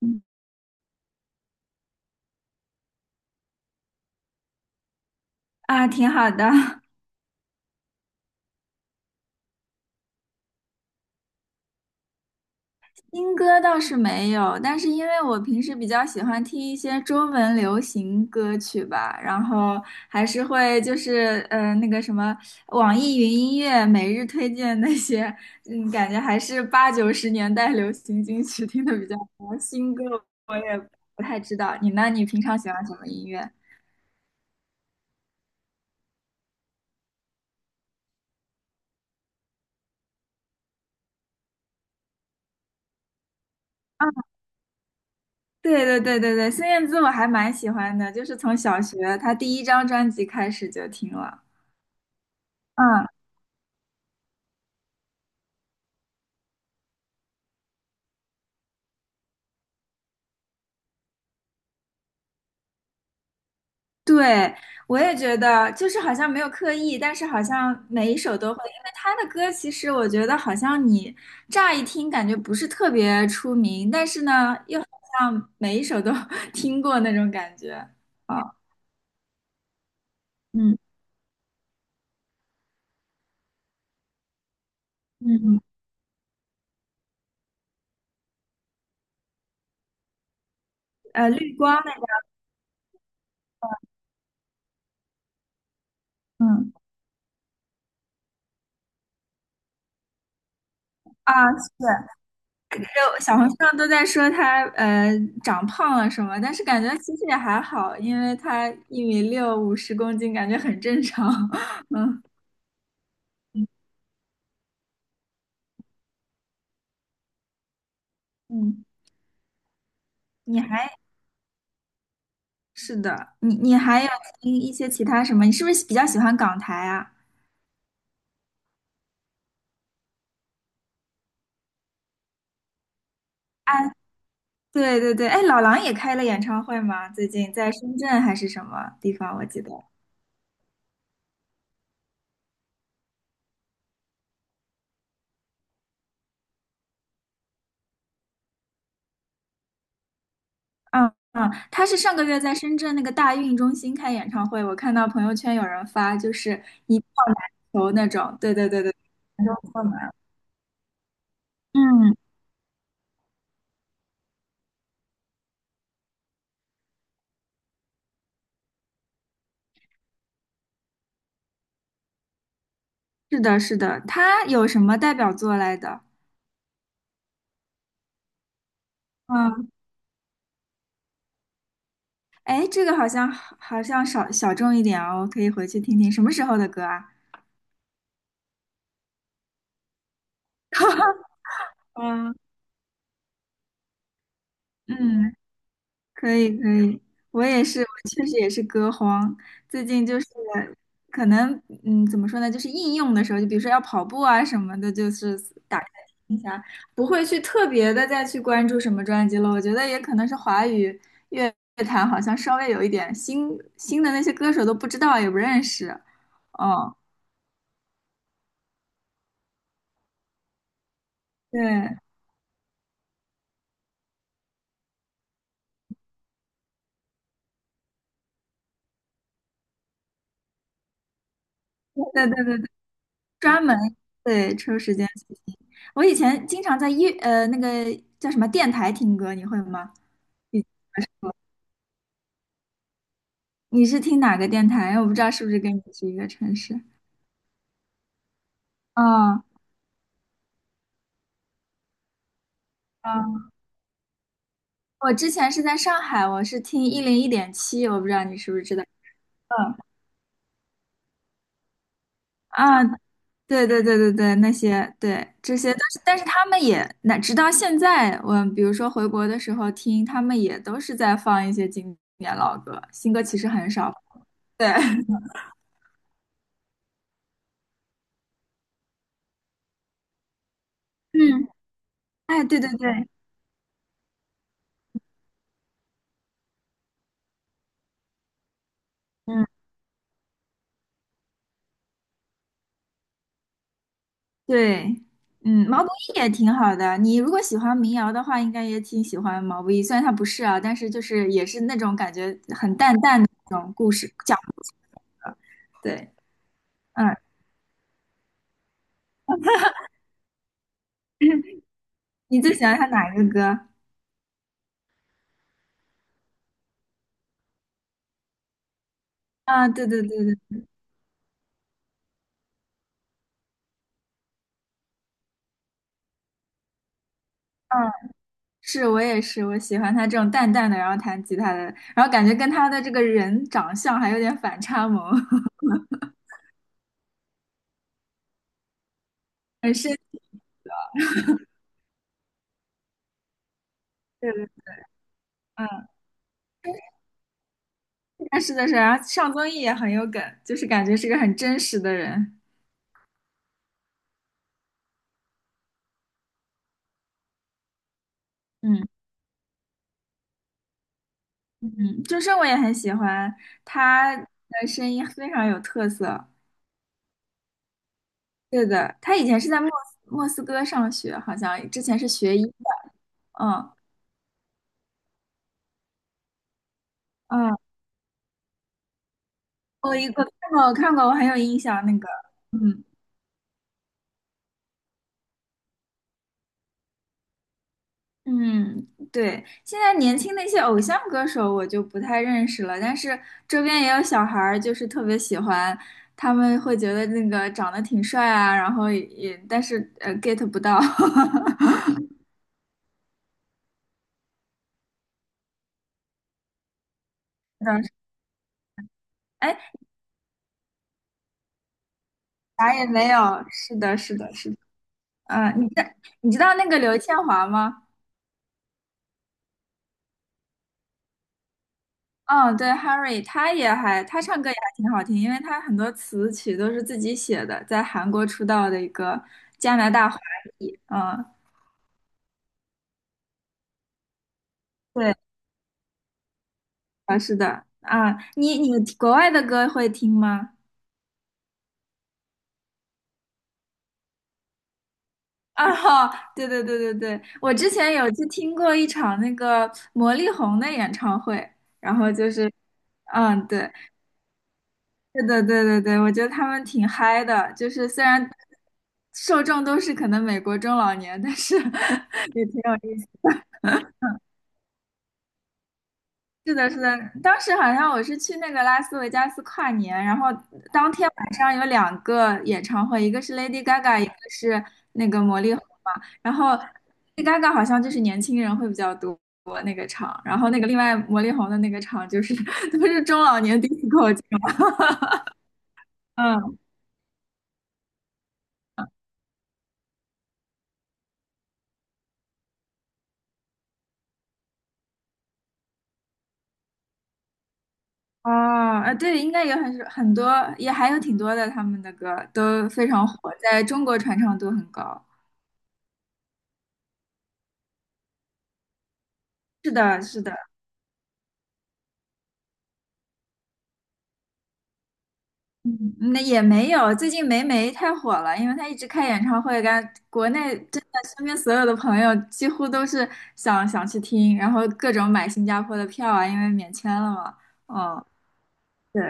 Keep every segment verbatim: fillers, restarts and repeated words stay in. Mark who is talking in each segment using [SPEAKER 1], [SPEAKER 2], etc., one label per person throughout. [SPEAKER 1] 嗯啊，挺好的。新歌倒是没有，但是因为我平时比较喜欢听一些中文流行歌曲吧，然后还是会就是呃那个什么网易云音乐每日推荐那些，嗯，感觉还是八九十年代流行金曲听的比较多。新歌我也不太知道，你呢？你平常喜欢什么音乐？啊，对对对对对，孙燕姿我还蛮喜欢的，就是从小学她第一张专辑开始就听了。嗯。对，我也觉得，就是好像没有刻意，但是好像每一首都会，因为他的歌其实我觉得好像你乍一听感觉不是特别出名，但是呢，又好像每一首都 听过那种感觉。啊，嗯嗯嗯，呃，绿光那个嗯啊，是，就小红书上都在说他呃长胖了什么，但是感觉其实也还好，因为他一米六，五十公斤，感觉很正常。嗯。你还？是的，你你还有听一些其他什么？你是不是比较喜欢港台啊？啊，对对对，哎，老狼也开了演唱会吗？最近在深圳还是什么地方？我记得，嗯嗯，他是上个月在深圳那个大运中心开演唱会，我看到朋友圈有人发，就是一票难求那种。对对对对，难中坐难。嗯，是的，是的，他有什么代表作来的？嗯，哎，这个好像好像少小众一点哦，我可以回去听听，什么时候的歌啊？嗯嗯，可以可以，我也是，我确实也是歌荒。最近就是可能，嗯，怎么说呢，就是应用的时候，就比如说要跑步啊什么的，就是打开听一下，不会去特别的再去关注什么专辑了。我觉得也可能是华语乐坛好像稍微有一点新新的那些歌手都不知道也不认识。哦，对对对对对，专门对抽时间去听。我以前经常在乐呃那个叫什么电台听歌，你会吗？你是听哪个电台？我不知道是不是跟你是一个城市。哦，嗯，我之前是在上海，我是听一零一点七，我不知道你是不是知道。嗯啊，对对对对对，那些对这些，但是但是他们也，那直到现在，我比如说回国的时候听，他们也都是在放一些经典老歌，新歌其实很少。对，嗯，哎，对对对。嗯。对，嗯，毛不易也挺好的。你如果喜欢民谣的话，应该也挺喜欢毛不易。虽然他不是啊，但是就是也是那种感觉很淡淡的那种故事讲故事。对，嗯，你最喜欢他哪一个歌？啊，对对对对，嗯，是我也是，我喜欢他这种淡淡的，然后弹吉他的，然后感觉跟他的这个人长相还有点反差萌，很绅士的人。嗯，但是的是，然后上综艺也很有梗，就是感觉是个很真实的人。嗯。嗯，周深我也很喜欢，他的声音非常有特色。对的，他以前是在莫斯莫斯科上学，好像之前是学医的。嗯嗯，我一个看过，我看过，我很有印象那个。嗯嗯，对，现在年轻的一些偶像歌手我就不太认识了，但是周边也有小孩儿，就是特别喜欢，他们会觉得那个长得挺帅啊，然后也但是呃 get 不到。哎，啥也没有。是的，是的，是的。嗯，你知你知道那个刘宪华吗？嗯，对 h a r r y 他也还他唱歌也还挺好听，因为他很多词曲都是自己写的，在韩国出道的一个加拿大华裔。嗯，对啊，你你国外的歌会听吗？啊，哈，对对对对对，我之前有去听过一场那个魔力红的演唱会，然后就是，嗯，对，是的，对对对，我觉得他们挺嗨的，就是虽然受众都是可能美国中老年，但是 也挺有意思。是的，是的，当时好像我是去那个拉斯维加斯跨年，然后当天晚上有两个演唱会，一个是 Lady Gaga，一个是那个魔力红嘛。然后 Lady Gaga 好像就是年轻人会比较多那个场，然后那个另外魔力红的那个场就是 都是中老年 disco 这种嗯哦，啊，对，应该有很很多，也还有挺多的，他们的歌都非常火，在中国传唱度很高。是的，是的，嗯，那也没有，最近霉霉太火了，因为她一直开演唱会，感国内真的身边所有的朋友几乎都是想想去听，然后各种买新加坡的票啊，因为免签了嘛。嗯，对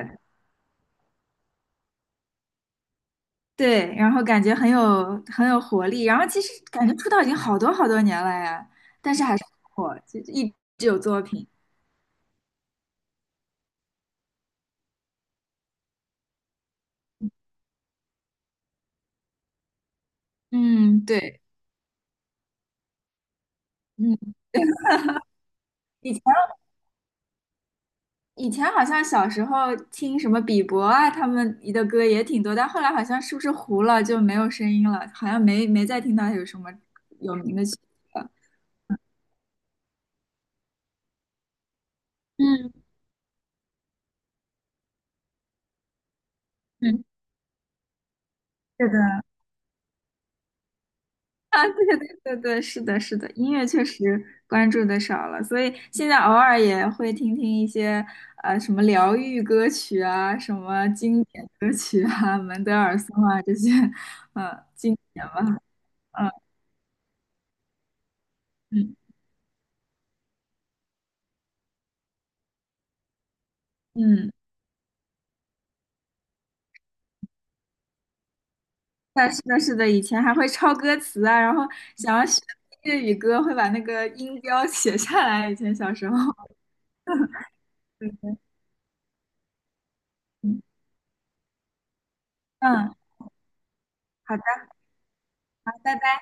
[SPEAKER 1] 对，然后感觉很有很有活力，然后其实感觉出道已经好多好多年了呀，但是还是很火，就一直有作品。嗯，对，嗯，以前以前好像小时候听什么比伯啊，他们的歌也挺多，但后来好像是不是糊了就没有声音了，好像没没再听到有什么有名的曲子了。嗯嗯，是的。啊，对对对对，是的，是的，音乐确实关注的少了，所以现在偶尔也会听听一些呃什么疗愈歌曲啊，什么经典歌曲啊，门德尔松啊这些，呃，经典吧，嗯嗯嗯。的，是的，是的，以前还会抄歌词啊，然后想要学粤语歌，会把那个音标写下来。以前小时候，嗯嗯，好的，拜拜。